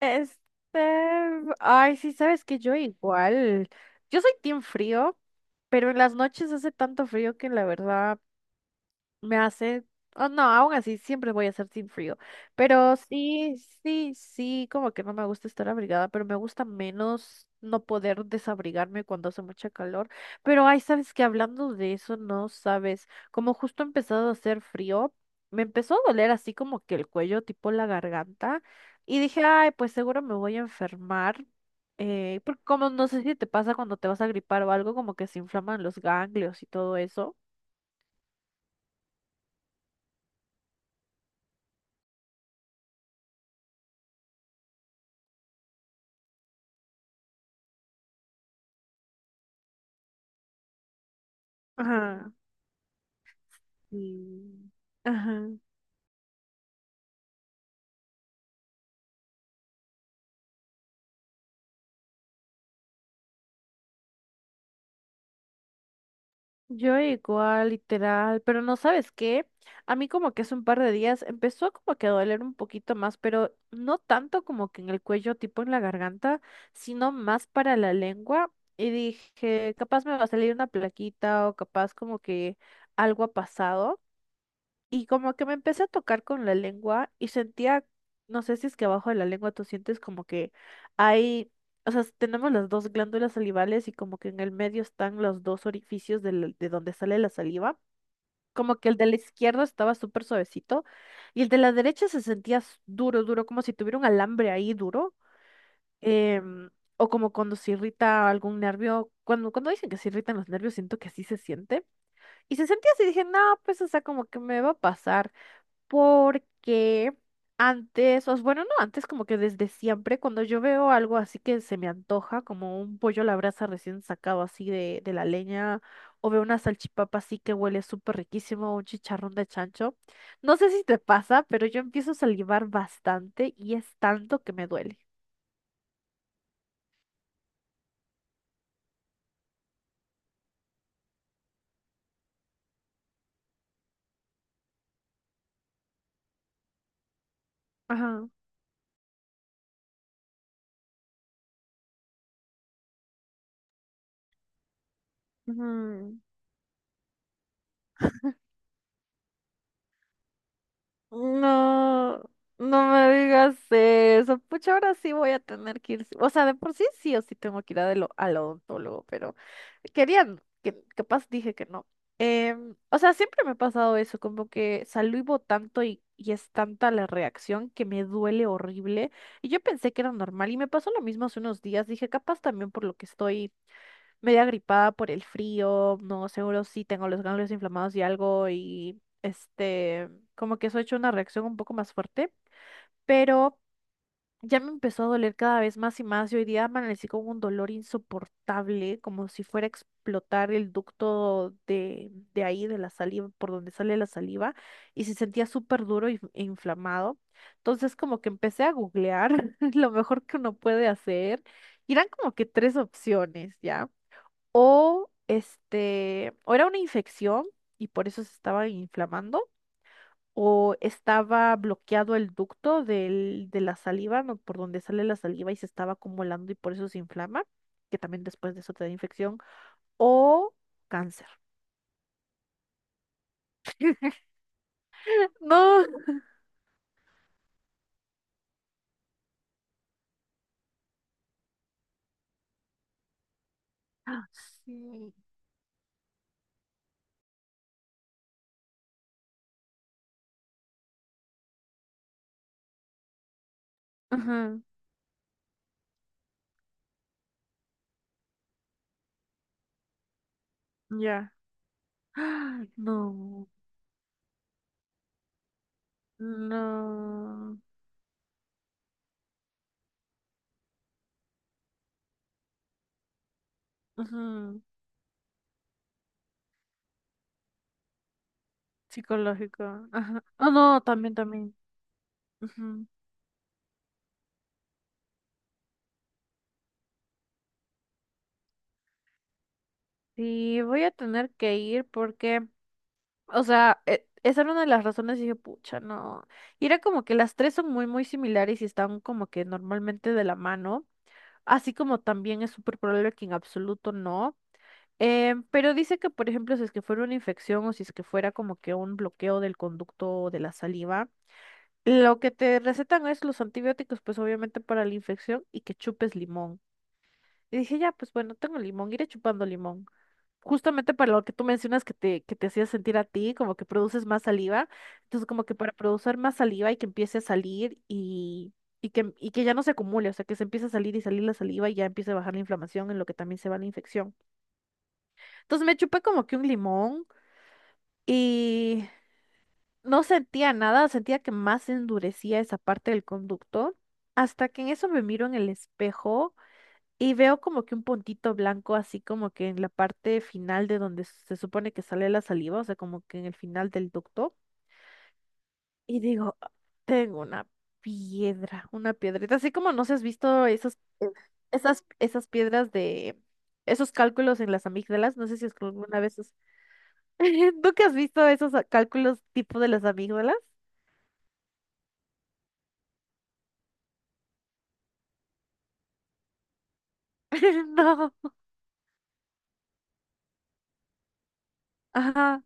Este, Ay, sí, sabes que yo igual, yo soy team frío, pero en las noches hace tanto frío que la verdad me hace, oh, no, aún así siempre voy a hacer sin frío, pero sí, sí, sí, como que no me gusta estar abrigada, pero me gusta menos no poder desabrigarme cuando hace mucha calor. Pero ay, sabes que hablando de eso, no sabes, como justo ha empezado a hacer frío, me empezó a doler así como que el cuello, tipo la garganta, y dije, ay, pues seguro me voy a enfermar. Porque como no sé si te pasa cuando te vas a gripar o algo, como que se inflaman los ganglios y todo eso. Ajá. Y- Ajá. Yo igual, literal, pero no sabes qué. A mí como que hace un par de días empezó como que a doler un poquito más, pero no tanto como que en el cuello, tipo en la garganta, sino más para la lengua. Y dije, capaz me va a salir una plaquita o capaz como que algo ha pasado. Y como que me empecé a tocar con la lengua y sentía, no sé si es que abajo de la lengua tú sientes como que hay, o sea, tenemos las dos glándulas salivales y como que en el medio están los dos orificios de donde sale la saliva. Como que el de la izquierda estaba súper suavecito y el de la derecha se sentía duro, duro, como si tuviera un alambre ahí duro. em, o como cuando se irrita algún nervio. Cuando dicen que se irritan los nervios, siento que así se siente. Y se sentía así, dije, no, pues, o sea, como que me va a pasar porque bueno, no antes, como que desde siempre, cuando yo veo algo así que se me antoja, como un pollo a la brasa recién sacado así de la leña, o veo una salchipapa así que huele súper riquísimo, un chicharrón de chancho, no sé si te pasa, pero yo empiezo a salivar bastante y es tanto que me duele. Ajá. Ujú. No, no me digas eso. Pucha, ahora sí voy a tener que ir. Sí, o sea, de por sí sí o sí tengo que ir al odontólogo, pero querían, que capaz dije que no. O sea, siempre me ha pasado eso, como que salivo tanto y es tanta la reacción que me duele horrible. Y yo pensé que era normal y me pasó lo mismo hace unos días. Dije, capaz también por lo que estoy media gripada por el frío, no, seguro sí tengo los ganglios inflamados y algo y este, como que eso ha hecho una reacción un poco más fuerte, pero ya me empezó a doler cada vez más y más y hoy día amanecí con un dolor insoportable, como si fuera a explotar el ducto de ahí, de la saliva, por donde sale la saliva, y se sentía súper duro e inflamado. Entonces como que empecé a googlear lo mejor que uno puede hacer. Y eran como que tres opciones, ¿ya? O este, o era una infección y por eso se estaba inflamando, o estaba bloqueado el ducto de la saliva, no, por donde sale la saliva y se estaba acumulando y por eso se inflama, que también después de eso te da infección, o cáncer. No. Ah, sí. Ajá, ya. Ah, no, no. Ujú, psicológico. Ajá. Oh, no, también, también. Ujú. Sí, voy a tener que ir porque o sea, esa era una de las razones y dije, pucha, no. Y era como que las tres son muy, muy similares y están como que normalmente de la mano. Así como también es súper probable que en absoluto no. Pero dice que, por ejemplo, si es que fuera una infección o si es que fuera como que un bloqueo del conducto de la saliva, lo que te recetan es los antibióticos, pues obviamente para la infección y que chupes limón. Y dije, ya, pues bueno, tengo limón, iré chupando limón justamente para lo que tú mencionas que que te hacía sentir a ti, como que produces más saliva. Entonces, como que para producir más saliva y que empiece a salir y que ya no se acumule, o sea, que se empiece a salir y salir la saliva y ya empiece a bajar la inflamación, en lo que también se va la infección. Entonces, me chupé como que un limón y no sentía nada, sentía que más endurecía esa parte del conducto. Hasta que en eso me miro en el espejo y veo como que un puntito blanco así como que en la parte final de donde se supone que sale la saliva, o sea, como que en el final del ducto. Y digo, "Ah, tengo una piedra, una piedrita, así como no sé, si has visto esas, eh, esas, esas piedras de esos cálculos en las amígdalas, no sé si es que alguna vez has..." ¿Tú que has visto esos cálculos tipo de las amígdalas? No, ajá.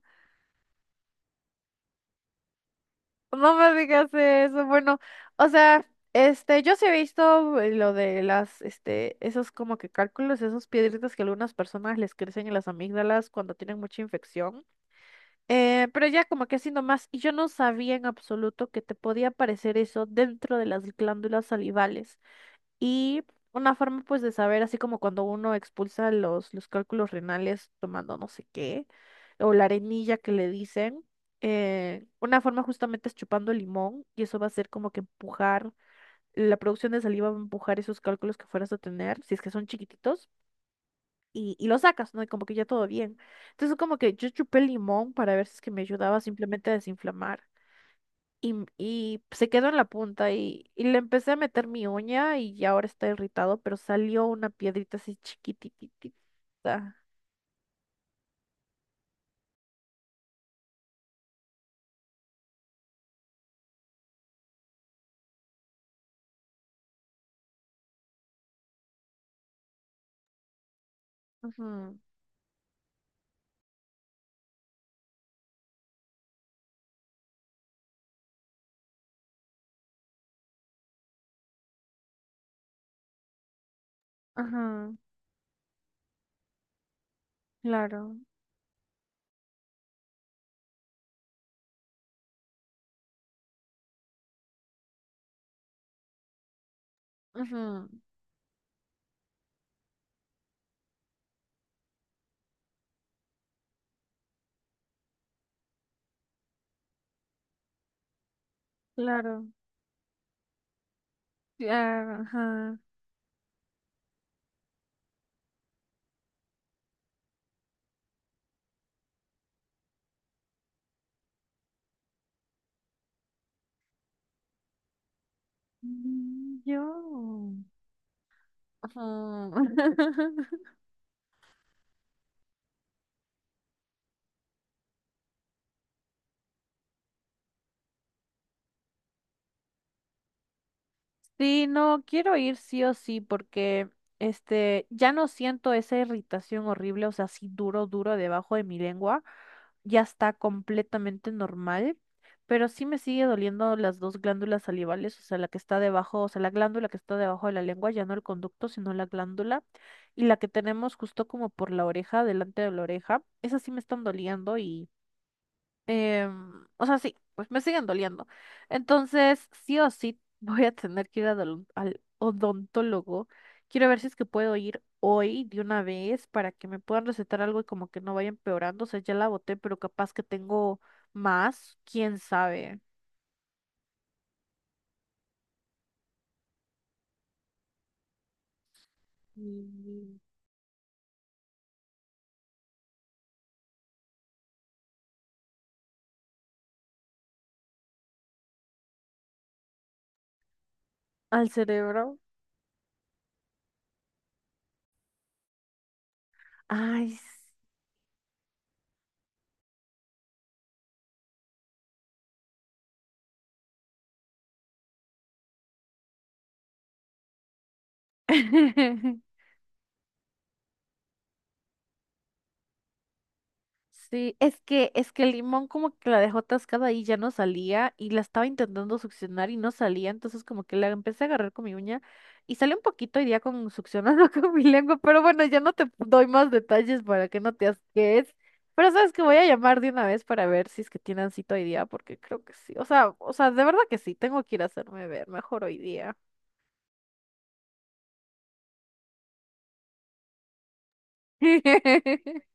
No me digas eso. Bueno, o sea, este, yo sí he visto lo de las, este, esos como que cálculos, esos piedritas que a algunas personas les crecen en las amígdalas cuando tienen mucha infección. Pero ya como que así nomás, y yo no sabía en absoluto que te podía aparecer eso dentro de las glándulas salivales. Y una forma pues de saber, así como cuando uno expulsa los cálculos renales tomando no sé qué, o la arenilla que le dicen, una forma justamente es chupando limón y eso va a ser como que empujar, la producción de saliva va a empujar esos cálculos que fueras a tener, si es que son chiquititos, y los sacas, ¿no? Y como que ya todo bien. Entonces como que yo chupé limón para ver si es que me ayudaba simplemente a desinflamar y se quedó en la punta y le empecé a meter mi uña y ya ahora está irritado, pero salió una piedrita así chiquititita. Ajá, ajá, claro, ajá, claro, claro, ajá. Mm, yo. Ajá. Sí, no, quiero ir sí o sí porque este ya no siento esa irritación horrible, o sea, así duro, duro debajo de mi lengua, ya está completamente normal, pero sí me sigue doliendo las dos glándulas salivales, o sea, la que está debajo, o sea, la glándula que está debajo de la lengua, ya no el conducto, sino la glándula, y la que tenemos justo como por la oreja, delante de la oreja, esas sí me están doliendo. O sea, sí, pues me siguen doliendo. Entonces, sí o sí, voy a tener que ir al, al odontólogo. Quiero ver si es que puedo ir hoy de una vez para que me puedan recetar algo y como que no vaya empeorando. O sea, ya la boté, pero capaz que tengo más, quién sabe. Mm, al cerebro. Ay, sí. Sí, es que el limón como que la dejó atascada y ya no salía y la estaba intentando succionar y no salía, entonces como que la empecé a agarrar con mi uña y salió un poquito y ya con succionando con mi lengua, pero bueno, ya no te doy más detalles para que no te asques. Pero sabes que voy a llamar de una vez para ver si es que tienen cita hoy día, porque creo que sí. O sea, de verdad que sí, tengo que ir a hacerme ver mejor hoy día.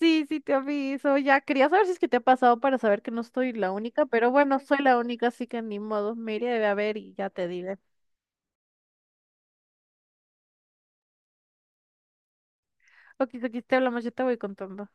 Sí, sí, te aviso. Ya quería saber si es que te ha pasado para saber que no estoy la única, pero bueno, soy la única, así que ni modo. Me iré a ver y ya te diré. Ok, aquí te hablamos, yo te voy contando.